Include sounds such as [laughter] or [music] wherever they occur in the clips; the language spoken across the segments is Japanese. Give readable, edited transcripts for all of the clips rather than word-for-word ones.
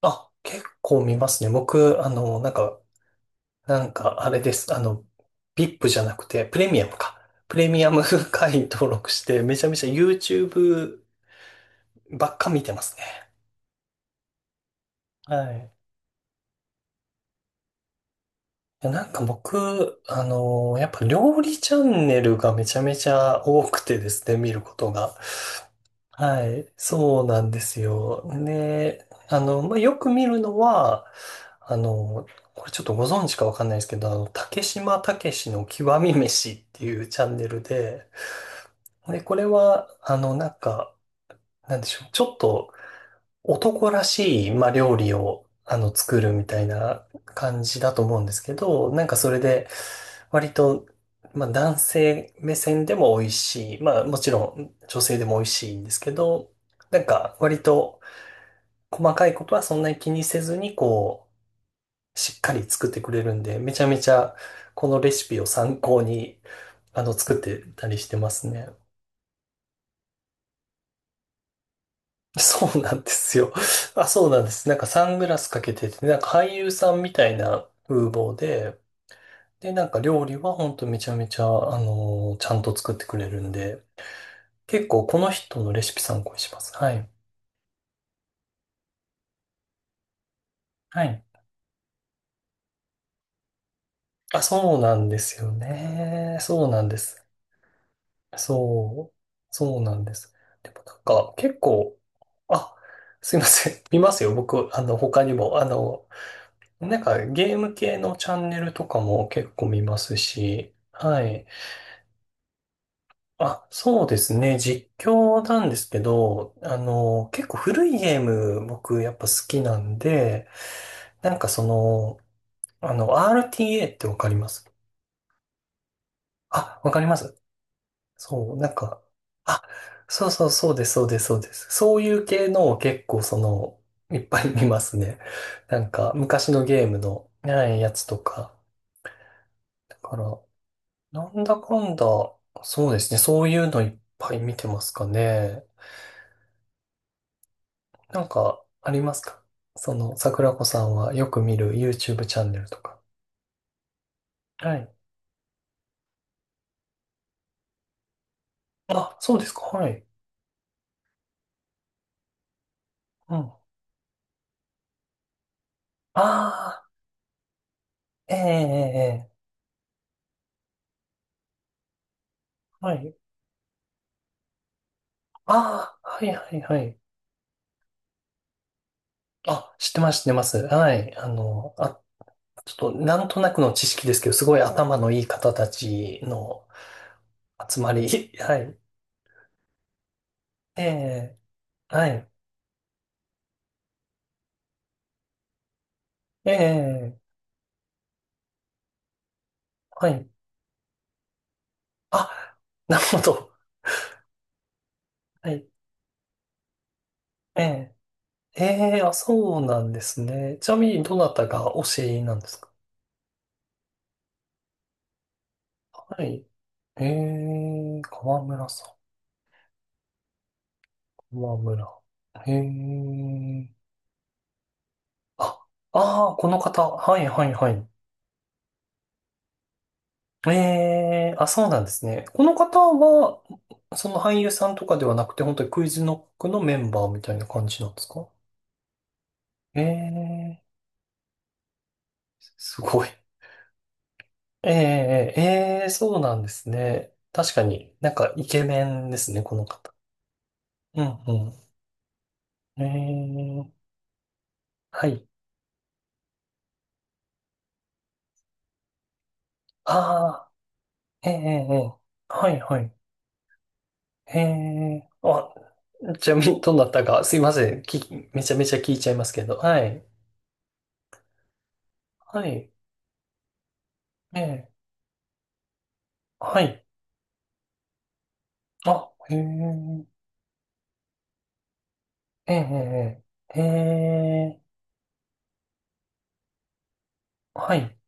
あ、結構見ますね。僕、あれです。VIP じゃなくて、プレミアムか。プレミアム [laughs] 会員登録して、めちゃめちゃ YouTube ばっか見てますね。はい。いや、僕、やっぱ料理チャンネルがめちゃめちゃ多くてですね、見ることが。はい、そうなんですよ。で、あの、まあ、よく見るのは、あの、これちょっとご存知かわかんないですけど、あの、竹島武しの極み飯っていうチャンネルで、で、これは、あの、なんか、なんでしょう、ちょっと男らしい、まあ、料理を、あの、作るみたいな感じだと思うんですけど、なんかそれで、割と、まあ、男性目線でも美味しい。まあ、もちろん女性でも美味しいんですけど、なんか割と細かいことはそんなに気にせずに、こう、しっかり作ってくれるんで、めちゃめちゃこのレシピを参考に、あの、作ってたりしてますね。そうなんですよ。[laughs] あ、そうなんです。なんかサングラスかけてて、なんか俳優さんみたいな風貌で、で、なんか料理はほんとめちゃめちゃ、ちゃんと作ってくれるんで、結構この人のレシピ参考にします。はい。はい。あ、そうなんですよね。そうなんです。そう。そうなんです。でもなんか結構、あ、すいません。[laughs] 見ますよ。僕、あの、他にも、ゲーム系のチャンネルとかも結構見ますし、はい。あ、そうですね。実況なんですけど、あの、結構古いゲーム僕やっぱ好きなんで、なんかその、RTA ってわかります？あ、わかります？そう、なんか、あ、そうそうそうです、そうです、そうです。そういう系のを結構その、いっぱい見ますね。なんか昔のゲームの、はい、やつとか。だから、なんだかんだ、そうですね。そういうのいっぱい見てますかね。なんか、ありますか？その、桜子さんはよく見る YouTube チャンネルとか。はい。あ、そうですか。はい。うん。ああ、ええええええ、はい。ああ、はいはいはい。あ、知ってます、知ってます。はい。あの、あ、ちょっと、なんとなくの知識ですけど、すごい頭のいい方たちの集まり。[laughs] はい。ええ、はい。ええ、はい。あ、なるほど。はい。ええ。ええ、あ、そうなんですね。ちなみに、どなたが推しなんですか？はい。ええ、河村さん、河村。ええ。あ、ああ、この方。はい、はい、はい。ええ、あ、そうなんですね。この方は、その俳優さんとかではなくて、本当にクイズノックのメンバーみたいな感じなんですか？ええ、すごい。ええ、ええ、ええ、そうなんですね。確かになんかイケメンですね、この方。うんうん、えー、はい。ああ、ええええええ、はい、はい。ええ、あ、ちなみにどうなったか、すいません。き、めちゃめちゃ聞いちゃいますけど。はい。はい。ええ、はい。あ、ええええええええ、はい。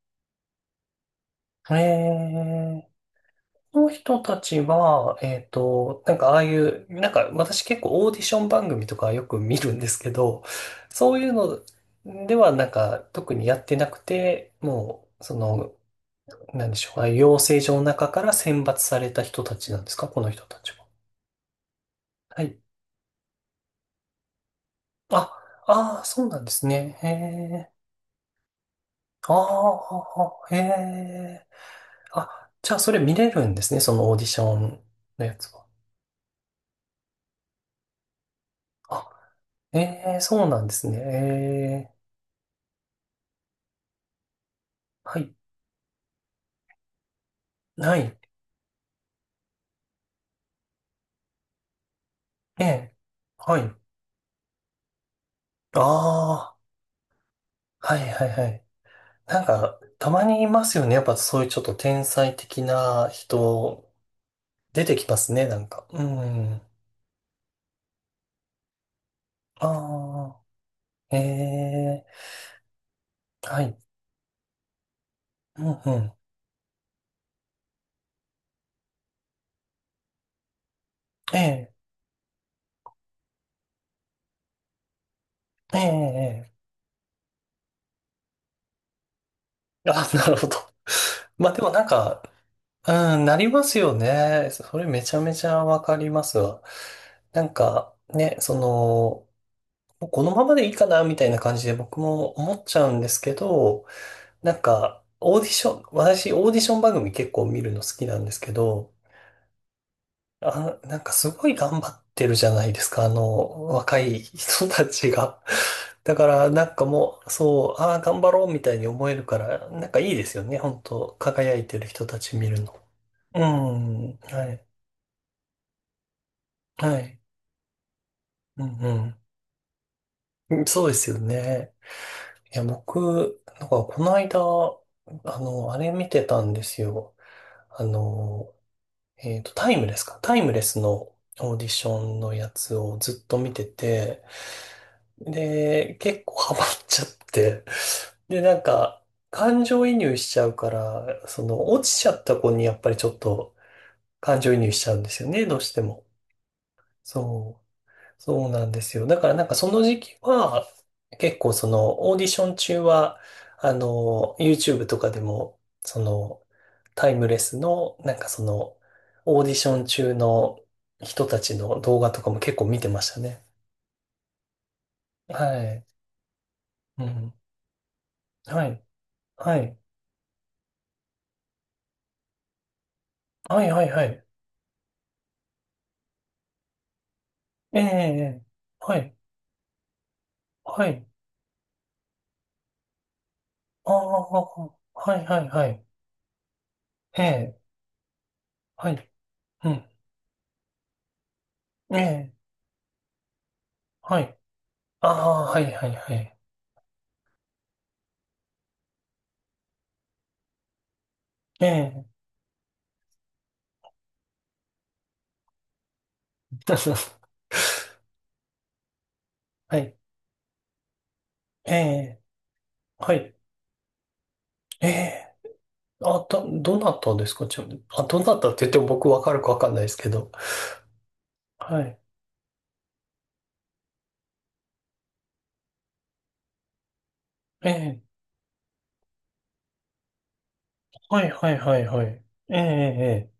ええ、この人たちは、えっと、なんかああいう、なんか私結構オーディション番組とかよく見るんですけど、そういうのではなんか特にやってなくて、もう、その、なんでしょう、ああいう養成所の中から選抜された人たちなんですか、この人たちは。はい。あ、ああ、そうなんですね。へえ。ああ、へえ。あ、じゃあそれ見れるんですね、そのオーディションのやつは。あ、ええ、そうなんですね。ええ。はい。ない。ええ。はい。ああ。はいはいはい。なんか、たまにいますよね。やっぱそういうちょっと天才的な人、出てきますね、なんか。うん。ああ。ええ。はい。うんうん。ええ。ええ。ええ、あ、なるほど。[laughs] まあでもなんか、うん、なりますよね。それめちゃめちゃわかりますわ。なんか、ね、その、このままでいいかな、みたいな感じで僕も思っちゃうんですけど、なんか、オーディション、私、オーディション番組結構見るの好きなんですけど、あ、なんかすごい頑張ってるじゃないですか、あの、若い人たちが。[laughs] だから、なんかもう、そう、ああ、頑張ろうみたいに思えるから、なんかいいですよね、本当輝いてる人たち見るの。うん、はい、はい、うん、うん。そうですよね。いや、僕、なんかこの間、あの、あれ見てたんですよ。あの、えっと、タイムレスか。タイムレスのオーディションのやつをずっと見てて、で、結構ハマっちゃって、[laughs] で、なんか、感情移入しちゃうから、その、落ちちゃった子にやっぱりちょっと感情移入しちゃうんですよね、どうしても。そう。そうなんですよ。だからなんかその時期は、結構そのオーディション中は、あの、YouTube とかでも、その、タイムレスの、なんかその、オーディション中の人たちの動画とかも結構見てましたね。はい。うん。はい。はい。はい、はい、はい。ええ、ええ、はい。はい。ああ、はい、はい、はい。ええ、はい。うん。ええ、はい。ああ、はい、はい、はい。ええ。[laughs] はい。ええ、はい。ええ、あ、ど、どなたですか、ちなみに。あ、どなたって言っても僕わかるかわかんないですけど。はい。ええ、はいはいはいはい。ええ、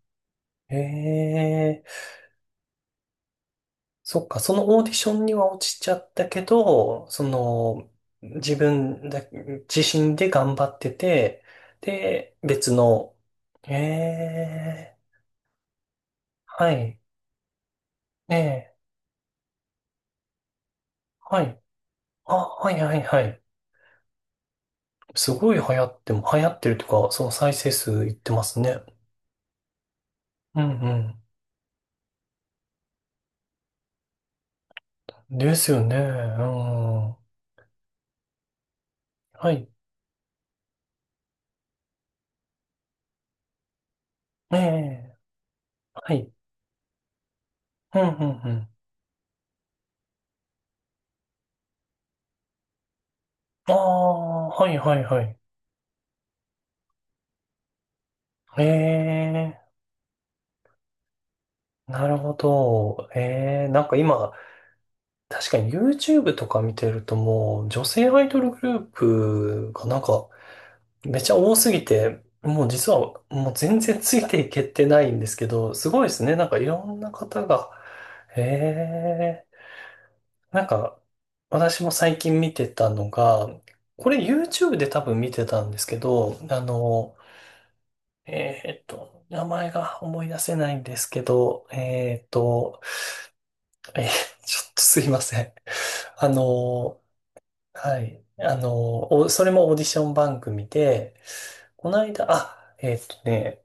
ええ、ええ、そっか、そのオーディションには落ちちゃったけど、その、自分だ、自身で頑張ってて、で、別の、ええ、はい、ええ、はい。あ、はいはいはい。すごい流行っても、流行ってるとか、その再生数いってますね。うんうん。ですよね。うん。はい。ええ。はい。うんうんうん。ああ、はいはいはい。ええ。なるほど。ええ。なんか今、確かに YouTube とか見てるともう、女性アイドルグループがなんか、めちゃ多すぎて、もう実はもう全然ついていけてないんですけど、すごいですね。なんかいろんな方が、ええ。なんか、私も最近見てたのが、これ YouTube で多分見てたんですけど、あの、名前が思い出せないんですけど、[laughs] ちょっとすいません。あの、はい。あの、おそれもオーディション番組で、この間、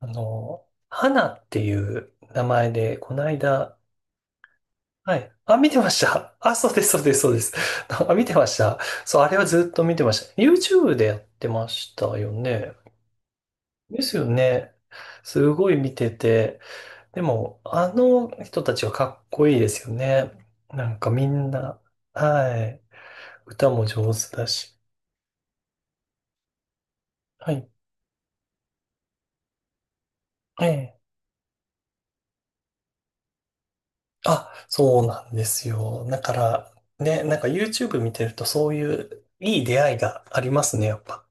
あの、花っていう名前で、この間、はい。あ、見てました。あ、そうです、そうです、そうです。[laughs] あ、見てました。そう、あれはずっと見てました。YouTube でやってましたよね。ですよね。すごい見てて。でも、あの人たちはかっこいいですよね。なんかみんな、はい。歌も上手だし。はい。ええ。あ、そうなんですよ。だから、ね、なんか YouTube 見てるとそういういい出会いがありますね、やっぱ。